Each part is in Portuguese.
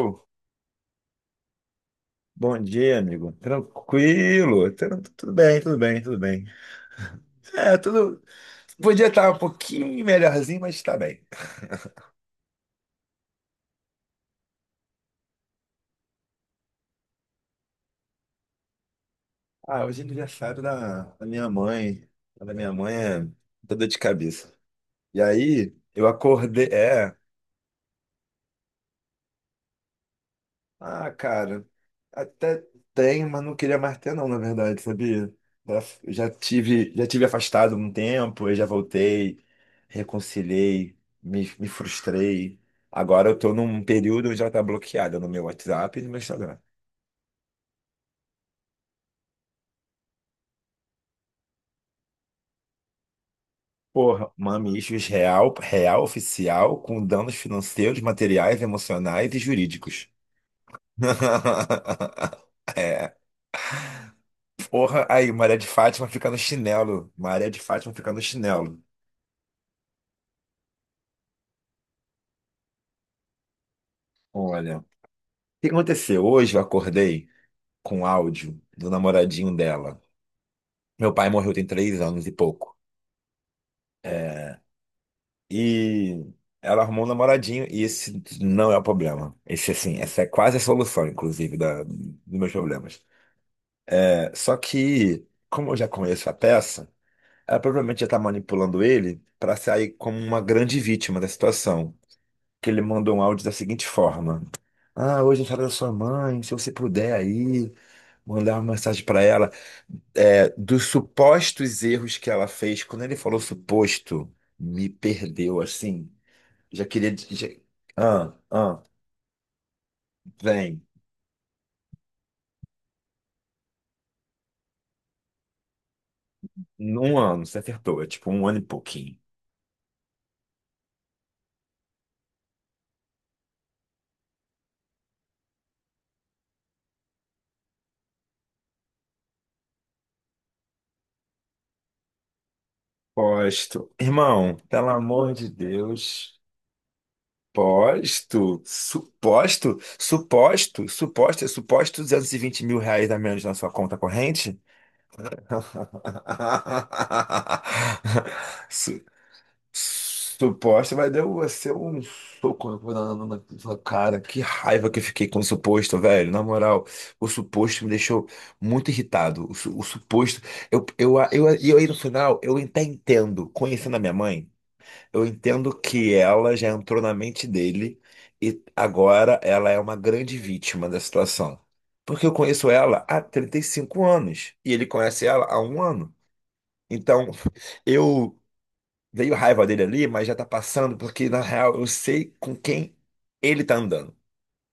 Ô, bom dia, amigo. Tranquilo? Tudo bem, tudo bem, tudo bem. É, tudo. Podia estar um pouquinho melhorzinho, mas tá bem. Ah, hoje é aniversário da minha mãe. A da minha mãe é toda de cabeça. E aí, eu acordei. É. Ah, cara, até tem, mas não queria mais ter não, na verdade, sabia? Já, já tive afastado um tempo, aí já voltei, reconciliei, me frustrei. Agora eu tô num período onde ela tá bloqueada no meu WhatsApp e no meu Instagram. Porra, Mami Issues real, real oficial, com danos financeiros, materiais, emocionais e jurídicos. É, porra, aí, Maria de Fátima fica no chinelo. Maria de Fátima fica no chinelo. Olha. O que aconteceu? Hoje eu acordei com um áudio do namoradinho dela. Meu pai morreu tem 3 anos e pouco. E ela arrumou um namoradinho, e esse não é o problema. Esse, assim, essa é quase a solução, inclusive, da, dos meus problemas. É, só que, como eu já conheço a peça, ela provavelmente já tá manipulando ele para sair como uma grande vítima da situação. Que ele mandou um áudio da seguinte forma: ah, hoje é a da sua mãe, se você puder aí, mandar uma mensagem para ela. É, dos supostos erros que ela fez, quando ele falou suposto, me perdeu assim. Já queria. Já... Ah, ah, vem. Num ano, você acertou. É tipo um ano e pouquinho. Posto. Irmão, pelo amor de Deus. Posto, suposto, suposto, suposto, é suposto 220 mil reais a menos na sua conta corrente? Suposto, mas deu você um soco na sua cara. Que raiva que eu fiquei com o suposto, velho. Na moral, o suposto me deixou muito irritado. O, o suposto. Eu aí no final, eu até entendo, conhecendo a minha mãe, eu entendo que ela já entrou na mente dele e agora ela é uma grande vítima da situação. Porque eu conheço ela há 35 anos e ele conhece ela há um ano. Então, eu. Veio raiva dele ali, mas já tá passando, porque na real eu sei com quem ele tá andando.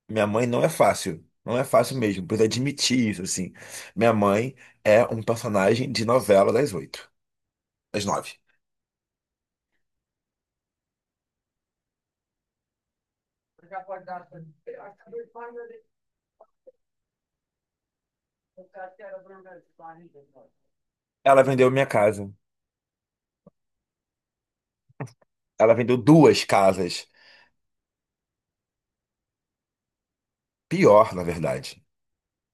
Minha mãe não é fácil. Não é fácil mesmo, precisa admitir isso, assim. Minha mãe é um personagem de novela das oito, das nove. Ela vendeu minha casa. Ela vendeu duas casas. Pior, na verdade.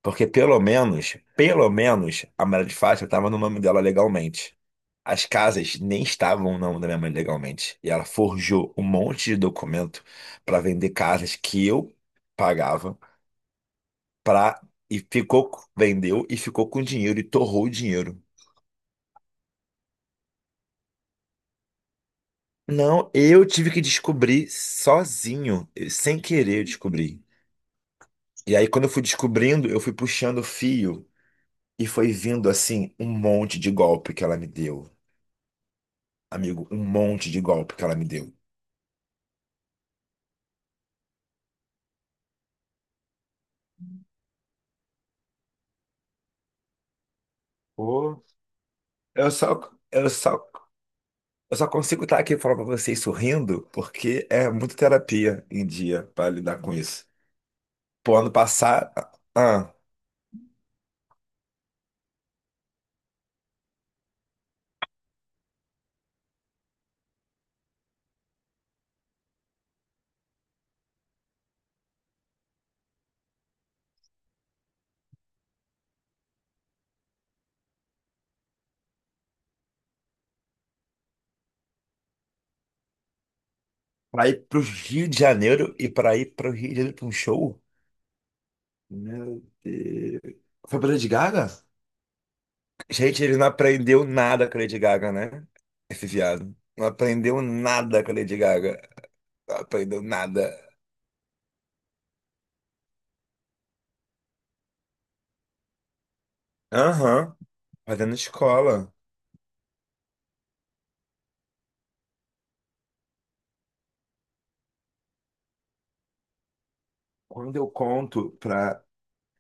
Porque pelo menos, a Maria de Fátima estava no nome dela legalmente. As casas nem estavam no nome da minha mãe legalmente. E ela forjou um monte de documento para vender casas que eu pagava pra... E ficou, vendeu e ficou com dinheiro e torrou o dinheiro. Não, eu tive que descobrir sozinho, sem querer eu descobri. E aí, quando eu fui descobrindo, eu fui puxando o fio e foi vindo assim um monte de golpe que ela me deu. Amigo, um monte de golpe que ela me deu. Pô, Eu só, eu só, eu só consigo estar aqui falando pra vocês sorrindo porque é muita terapia em dia pra lidar com isso. Pô, ano passado, ah, para ir pro Rio de Janeiro e pra ir pro Rio de Janeiro pra um show? Meu Deus. Foi pra Lady Gaga? Gente, ele não aprendeu nada com a Lady Gaga, né? Esse viado. Não aprendeu nada com a Lady Gaga. Não aprendeu nada. Aham, fazendo escola. Quando eu conto pra.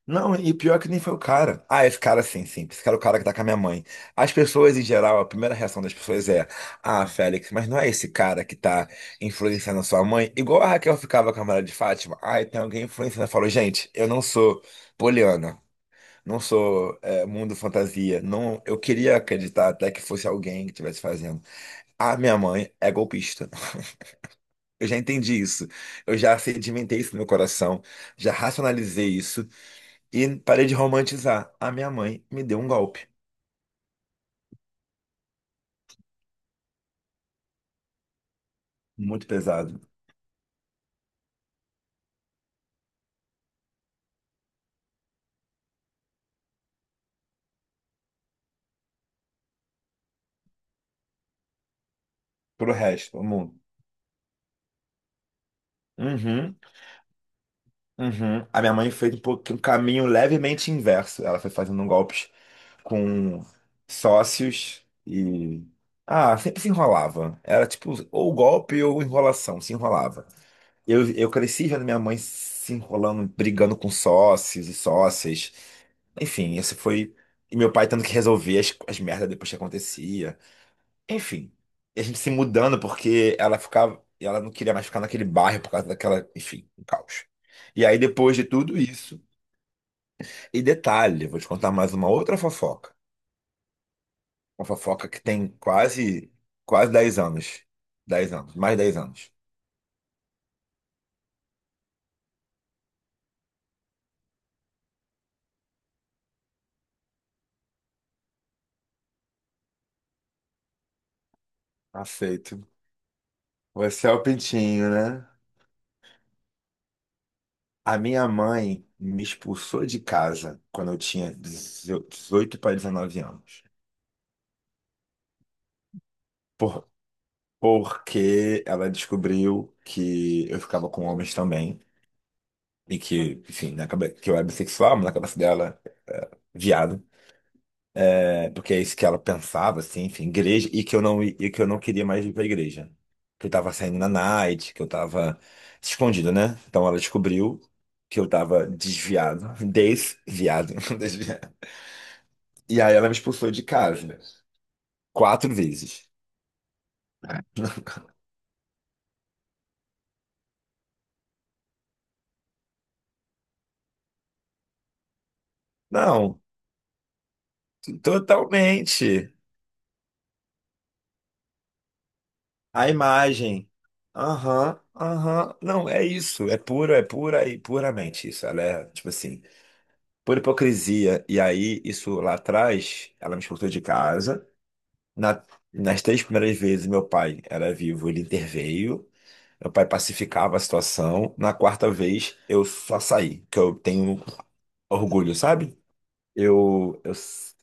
Não, e pior que nem foi o cara. Ah, esse cara sim, sim. Esse cara é o cara que tá com a minha mãe. As pessoas, em geral, a primeira reação das pessoas é: ah, Félix, mas não é esse cara que tá influenciando a sua mãe? Igual a Raquel ficava com a Maria de Fátima. Ah, tem alguém influenciando. Eu falo, gente, eu não sou poliana. Não sou é, mundo fantasia. Não, eu queria acreditar até que fosse alguém que estivesse fazendo. A minha mãe é golpista. Eu já entendi isso. Eu já sedimentei isso no meu coração. Já racionalizei isso. E parei de romantizar. A minha mãe me deu um golpe muito pesado. Pro resto, o mundo. Uhum, uhum. A minha mãe fez um pouco, um caminho levemente inverso. Ela foi fazendo golpes com sócios e. Ah, sempre se enrolava. Era tipo, ou golpe ou enrolação, se enrolava. Eu cresci vendo minha mãe se enrolando, brigando com sócios e sócias. Enfim, esse foi. E meu pai tendo que resolver as merdas depois que acontecia. Enfim, e a gente se mudando porque ela ficava, ela não queria mais ficar naquele bairro por causa daquela, enfim, um caos. E aí depois de tudo isso, e detalhe, vou te contar mais uma outra fofoca. Uma fofoca que tem quase quase 10 anos. 10 anos, mais 10 anos. Aceito. Você é o pintinho, né? A minha mãe me expulsou de casa quando eu tinha 18 para 19 anos. Por, porque ela descobriu que eu ficava com homens também. E que, enfim, na cabeça, que eu era bissexual, mas na cabeça dela, viado. É, porque é isso que ela pensava, assim, enfim, igreja, e que eu não, e que eu não queria mais ir pra igreja. Que eu tava saindo na night, que eu tava escondido, né? Então ela descobriu que eu tava desviado, desviado, desviado. E aí ela me expulsou de casa, quatro vezes. Não, totalmente. A imagem. Aham, aham. Não, é isso. É pura e puramente isso. Ela é, tipo assim. Por hipocrisia. E aí, isso lá atrás, ela me expulsou de casa. Na- nas três primeiras vezes, meu pai era vivo, ele interveio. Meu pai pacificava a situação. Na quarta vez, eu só saí, que eu tenho orgulho, sabe? Eu, eu,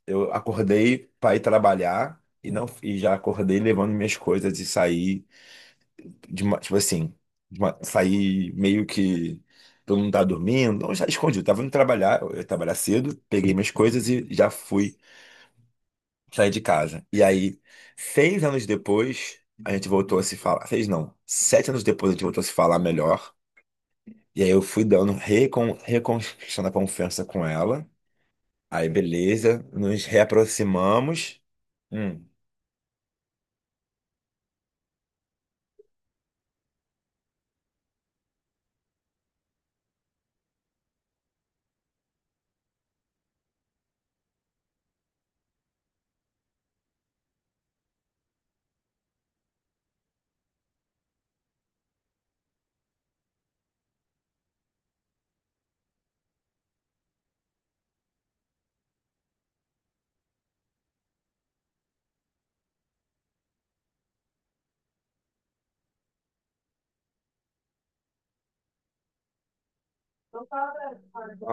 eu acordei para ir trabalhar e não e já acordei levando minhas coisas e saí de ma- tipo assim, de ma- saí meio que todo mundo tava dormindo, não, já escondi, eu tava indo trabalhar, eu ia trabalhar cedo, peguei minhas coisas e já fui sair de casa. E aí, 6 anos depois, a gente voltou a se falar, seis não, 7 anos depois a gente voltou a se falar melhor, e aí eu fui dando, reconquistando a confiança com ela, aí beleza, nos reaproximamos, hum.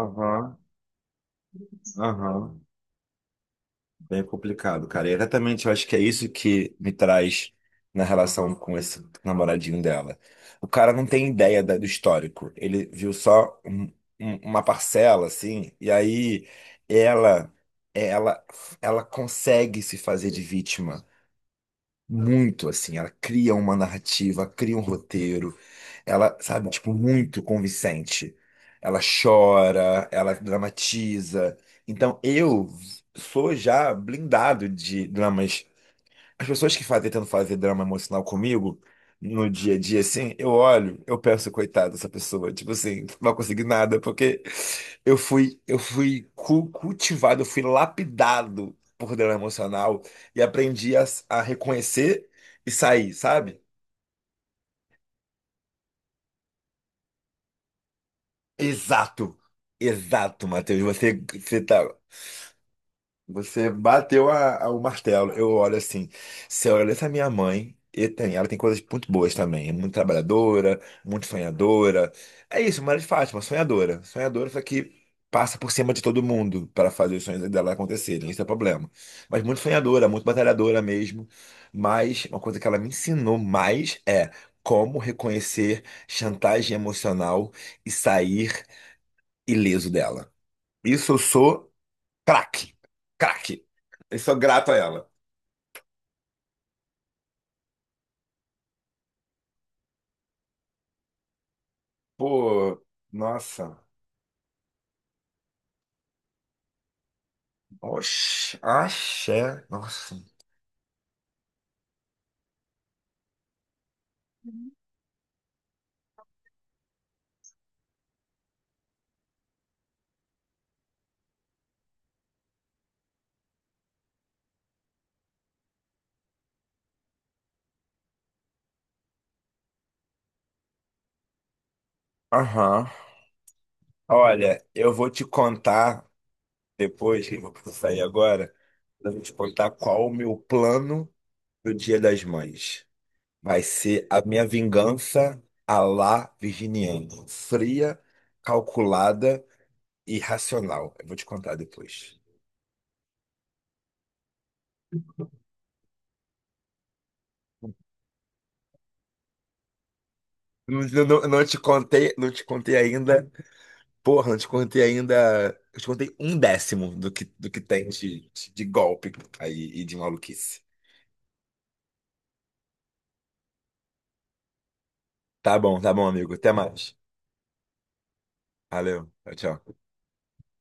Aham, aham. Bem complicado, cara. E exatamente, eu acho que é isso que me traz na relação com esse namoradinho dela. O cara não tem ideia do histórico. Ele viu só uma parcela, assim, e aí ela, ela, ela consegue se fazer de vítima. Muito assim, ela cria uma narrativa, cria um roteiro, ela, sabe, tipo, muito convincente. Ela chora, ela dramatiza. Então eu sou já blindado de dramas as pessoas que fazem, tentam fazer drama emocional comigo no dia a dia, assim, eu olho, eu penso, coitado dessa pessoa, tipo assim, não vai conseguir nada, porque eu fui cultivado, eu fui lapidado por drama emocional e aprendi a reconhecer e sair, sabe? Exato. Exato, Matheus. Você tá. Você bateu o martelo. Eu olho assim, se eu olho essa minha mãe, e tem, ela tem coisas muito boas também. É muito trabalhadora, muito sonhadora. É isso, Maria de Fátima, sonhadora. Sonhadora, só que passa por cima de todo mundo para fazer os sonhos dela acontecerem. Esse é o problema. Mas muito sonhadora, muito batalhadora mesmo. Mas uma coisa que ela me ensinou mais é como reconhecer chantagem emocional e sair ileso dela. Isso eu sou. Craque, craque. Eu sou grato a ela. Pô, nossa. Oxi, axé. Nossa. Aham. Olha, eu vou te contar depois, que eu vou sair agora, eu vou te contar qual o meu plano pro Dia das Mães. Vai ser a minha vingança à la virginiana. Fria, calculada e racional. Eu vou te contar depois. Não, não, não te contei, não te contei ainda. Porra, não te contei ainda. Eu te contei um décimo do que tem de golpe aí e de maluquice. Tá bom, amigo. Até mais. Valeu. Tchau, tchau.